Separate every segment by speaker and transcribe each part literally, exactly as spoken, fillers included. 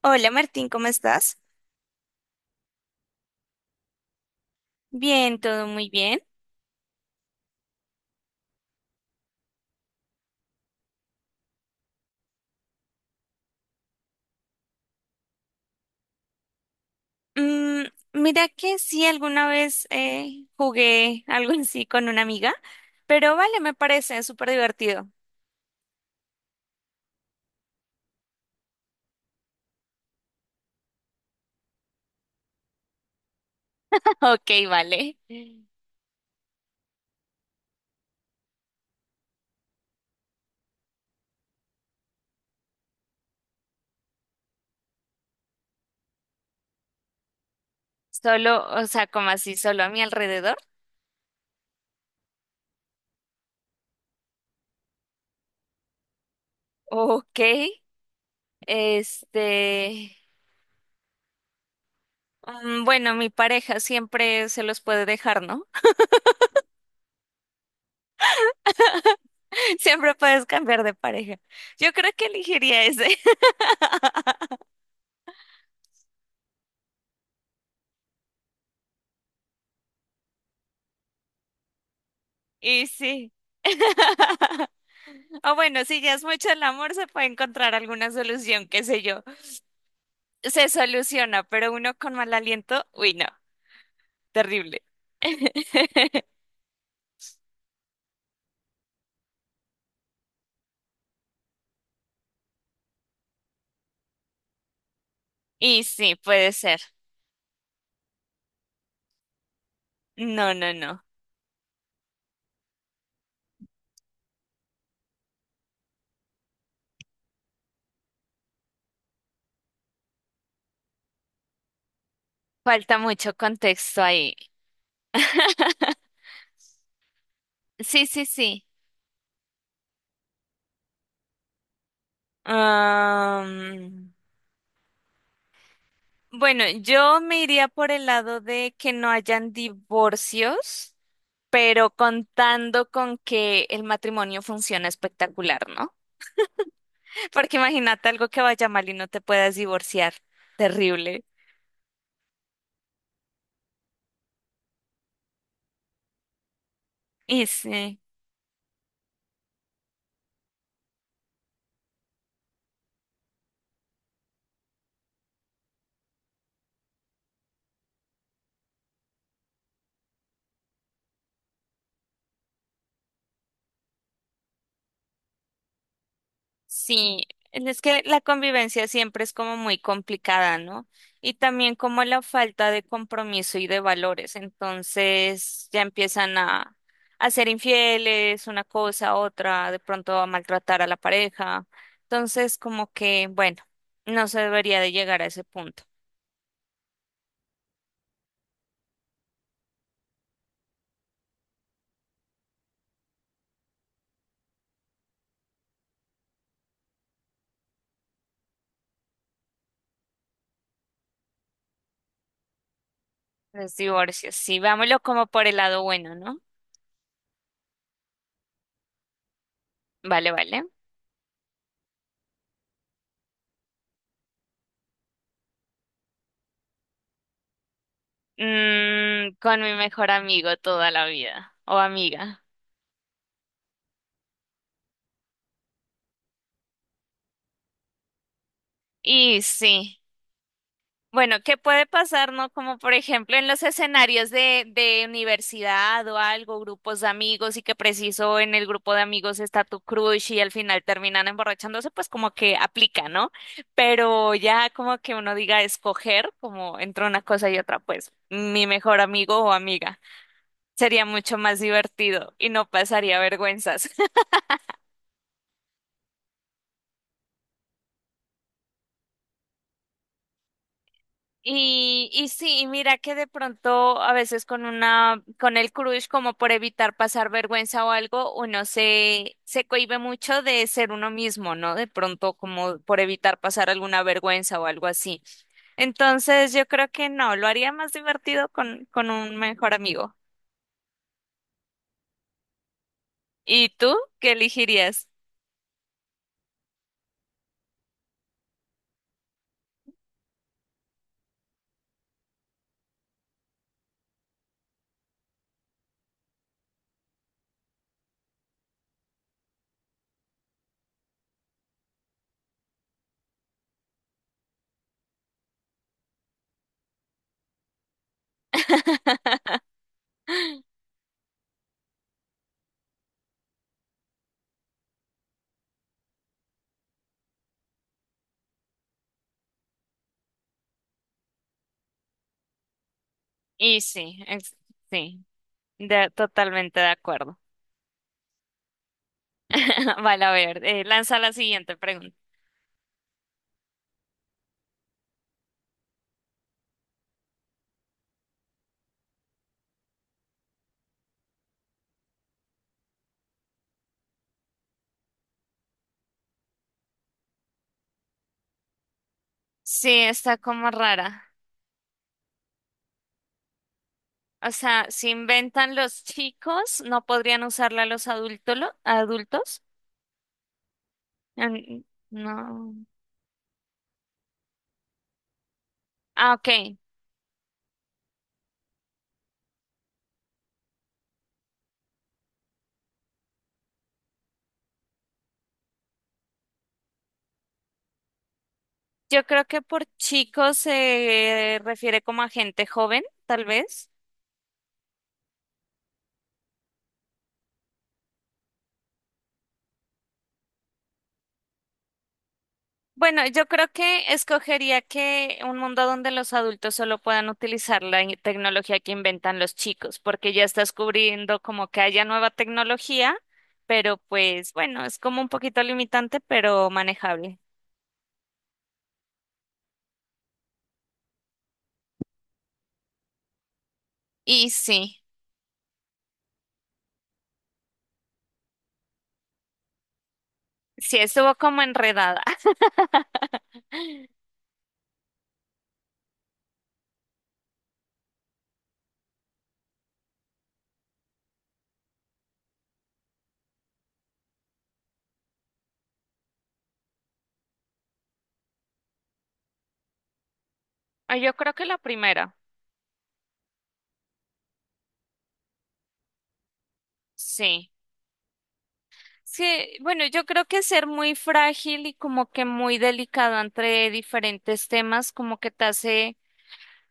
Speaker 1: Hola Martín, ¿cómo estás? Bien, todo muy bien. Mm, Mira que sí, alguna vez eh, jugué algo así con una amiga, pero vale, me parece súper divertido. Ok, vale. Solo, o sea, como así, solo a mi alrededor. Ok, este... mm, Bueno, mi pareja siempre se los puede dejar, ¿no? Siempre puedes cambiar de pareja. Yo creo que elegiría ese. Y sí. O bueno, si ya es mucho el amor, se puede encontrar alguna solución, qué sé yo. Se soluciona, pero uno con mal aliento, uy, no, terrible. Y sí, puede ser. No, no, no. Falta mucho contexto ahí. Sí, sí, sí. Am, bueno, yo me iría por el lado de que no hayan divorcios, pero contando con que el matrimonio funciona espectacular, ¿no? Porque imagínate algo que vaya mal y no te puedas divorciar. Terrible. Y sí, sí, es que la convivencia siempre es como muy complicada, ¿no? Y también como la falta de compromiso y de valores. Entonces ya empiezan a, a ser infieles, una cosa, otra, de pronto a maltratar a la pareja. Entonces, como que, bueno, no se debería de llegar a ese punto. Los divorcios, sí, vámonos como por el lado bueno, ¿no? Vale, vale. Mm, con mi mejor amigo toda la vida o amiga. Y sí, bueno, ¿qué puede pasar, no? Como por ejemplo en los escenarios de, de universidad o algo, grupos de amigos y que preciso en el grupo de amigos está tu crush y al final terminan emborrachándose, pues como que aplica, ¿no? Pero ya como que uno diga escoger, como entre una cosa y otra, pues mi mejor amigo o amiga. Sería mucho más divertido y no pasaría vergüenzas. Y, y sí, y mira que de pronto a veces con una, con el crush, como por evitar pasar vergüenza o algo, uno se, se cohíbe mucho de ser uno mismo, ¿no? De pronto como por evitar pasar alguna vergüenza o algo así. Entonces yo creo que no, lo haría más divertido con, con un mejor amigo. ¿Y tú qué elegirías? Y sí, es- sí, de- totalmente de acuerdo. Vale, a ver, eh, lanza la siguiente pregunta. Sí, está como rara. O sea, si inventan los chicos, no podrían usarla los adultos, adultos. En- No. Ah, ok. Yo creo que por chicos se refiere como a gente joven, tal vez. Bueno, yo creo que escogería que un mundo donde los adultos solo puedan utilizar la in- tecnología que inventan los chicos, porque ya estás cubriendo como que haya nueva tecnología, pero pues bueno, es como un poquito limitante, pero manejable. Y sí, sí estuvo como enredada. Ah, yo creo que la primera, sí. Sí, bueno, yo creo que ser muy frágil y como que muy delicado entre diferentes temas, como que te hace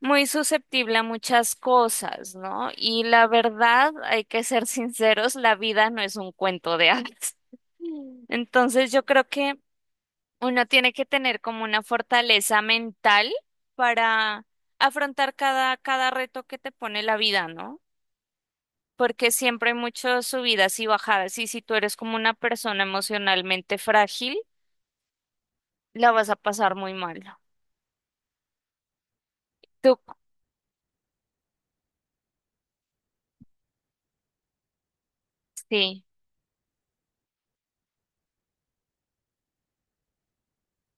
Speaker 1: muy susceptible a muchas cosas, ¿no? Y la verdad, hay que ser sinceros, la vida no es un cuento de hadas. Entonces, yo creo que uno tiene que tener como una fortaleza mental para afrontar cada, cada reto que te pone la vida, ¿no? Porque siempre hay muchas subidas y bajadas y si tú eres como una persona emocionalmente frágil, la vas a pasar muy mal. Tú, sí.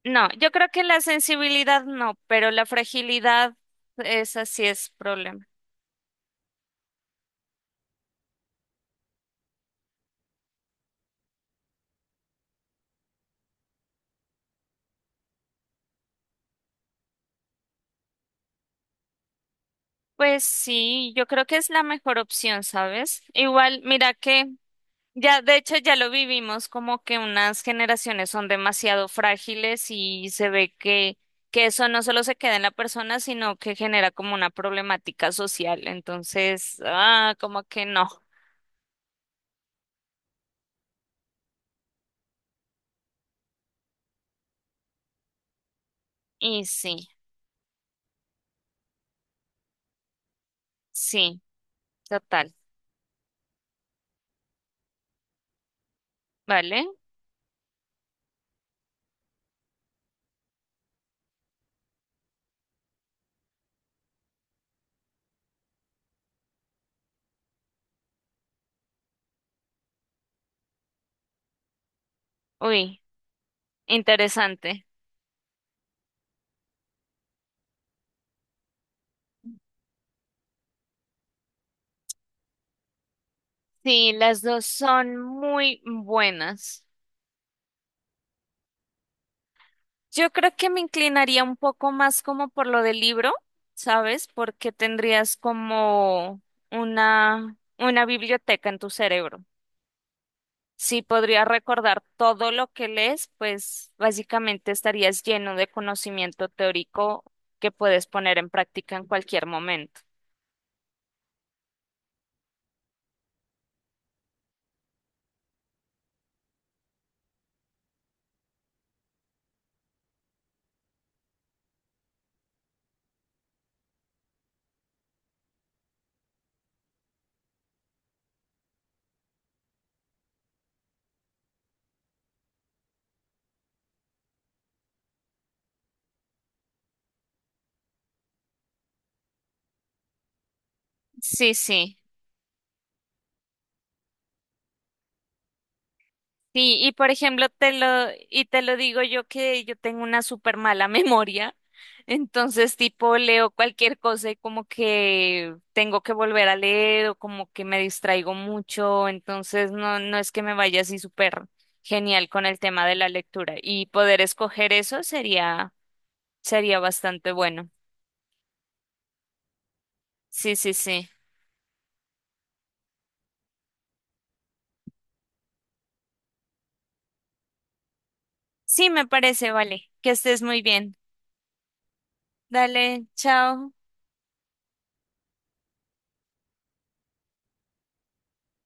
Speaker 1: No, yo creo que la sensibilidad no, pero la fragilidad esa sí es problema. Pues sí, yo creo que es la mejor opción, ¿sabes? Igual, mira que ya, de hecho, ya lo vivimos como que unas generaciones son demasiado frágiles y se ve que, que eso no solo se queda en la persona, sino que genera como una problemática social. Entonces, ah, como que no. Y sí, sí, total. ¿Vale? Uy, interesante. Sí, las dos son muy buenas. Yo creo que me inclinaría un poco más como por lo del libro, ¿sabes? Porque tendrías como una, una biblioteca en tu cerebro. Si podrías recordar todo lo que lees, pues básicamente estarías lleno de conocimiento teórico que puedes poner en práctica en cualquier momento. Sí, sí. Sí, y por ejemplo, te lo, y te lo digo yo que yo tengo una súper mala memoria, entonces tipo leo cualquier cosa y como que tengo que volver a leer o como que me distraigo mucho, entonces no, no es que me vaya así súper genial con el tema de la lectura y poder escoger eso sería, sería bastante bueno. Sí, sí, sí. Sí, me parece, vale. Que estés muy bien. Dale, chao.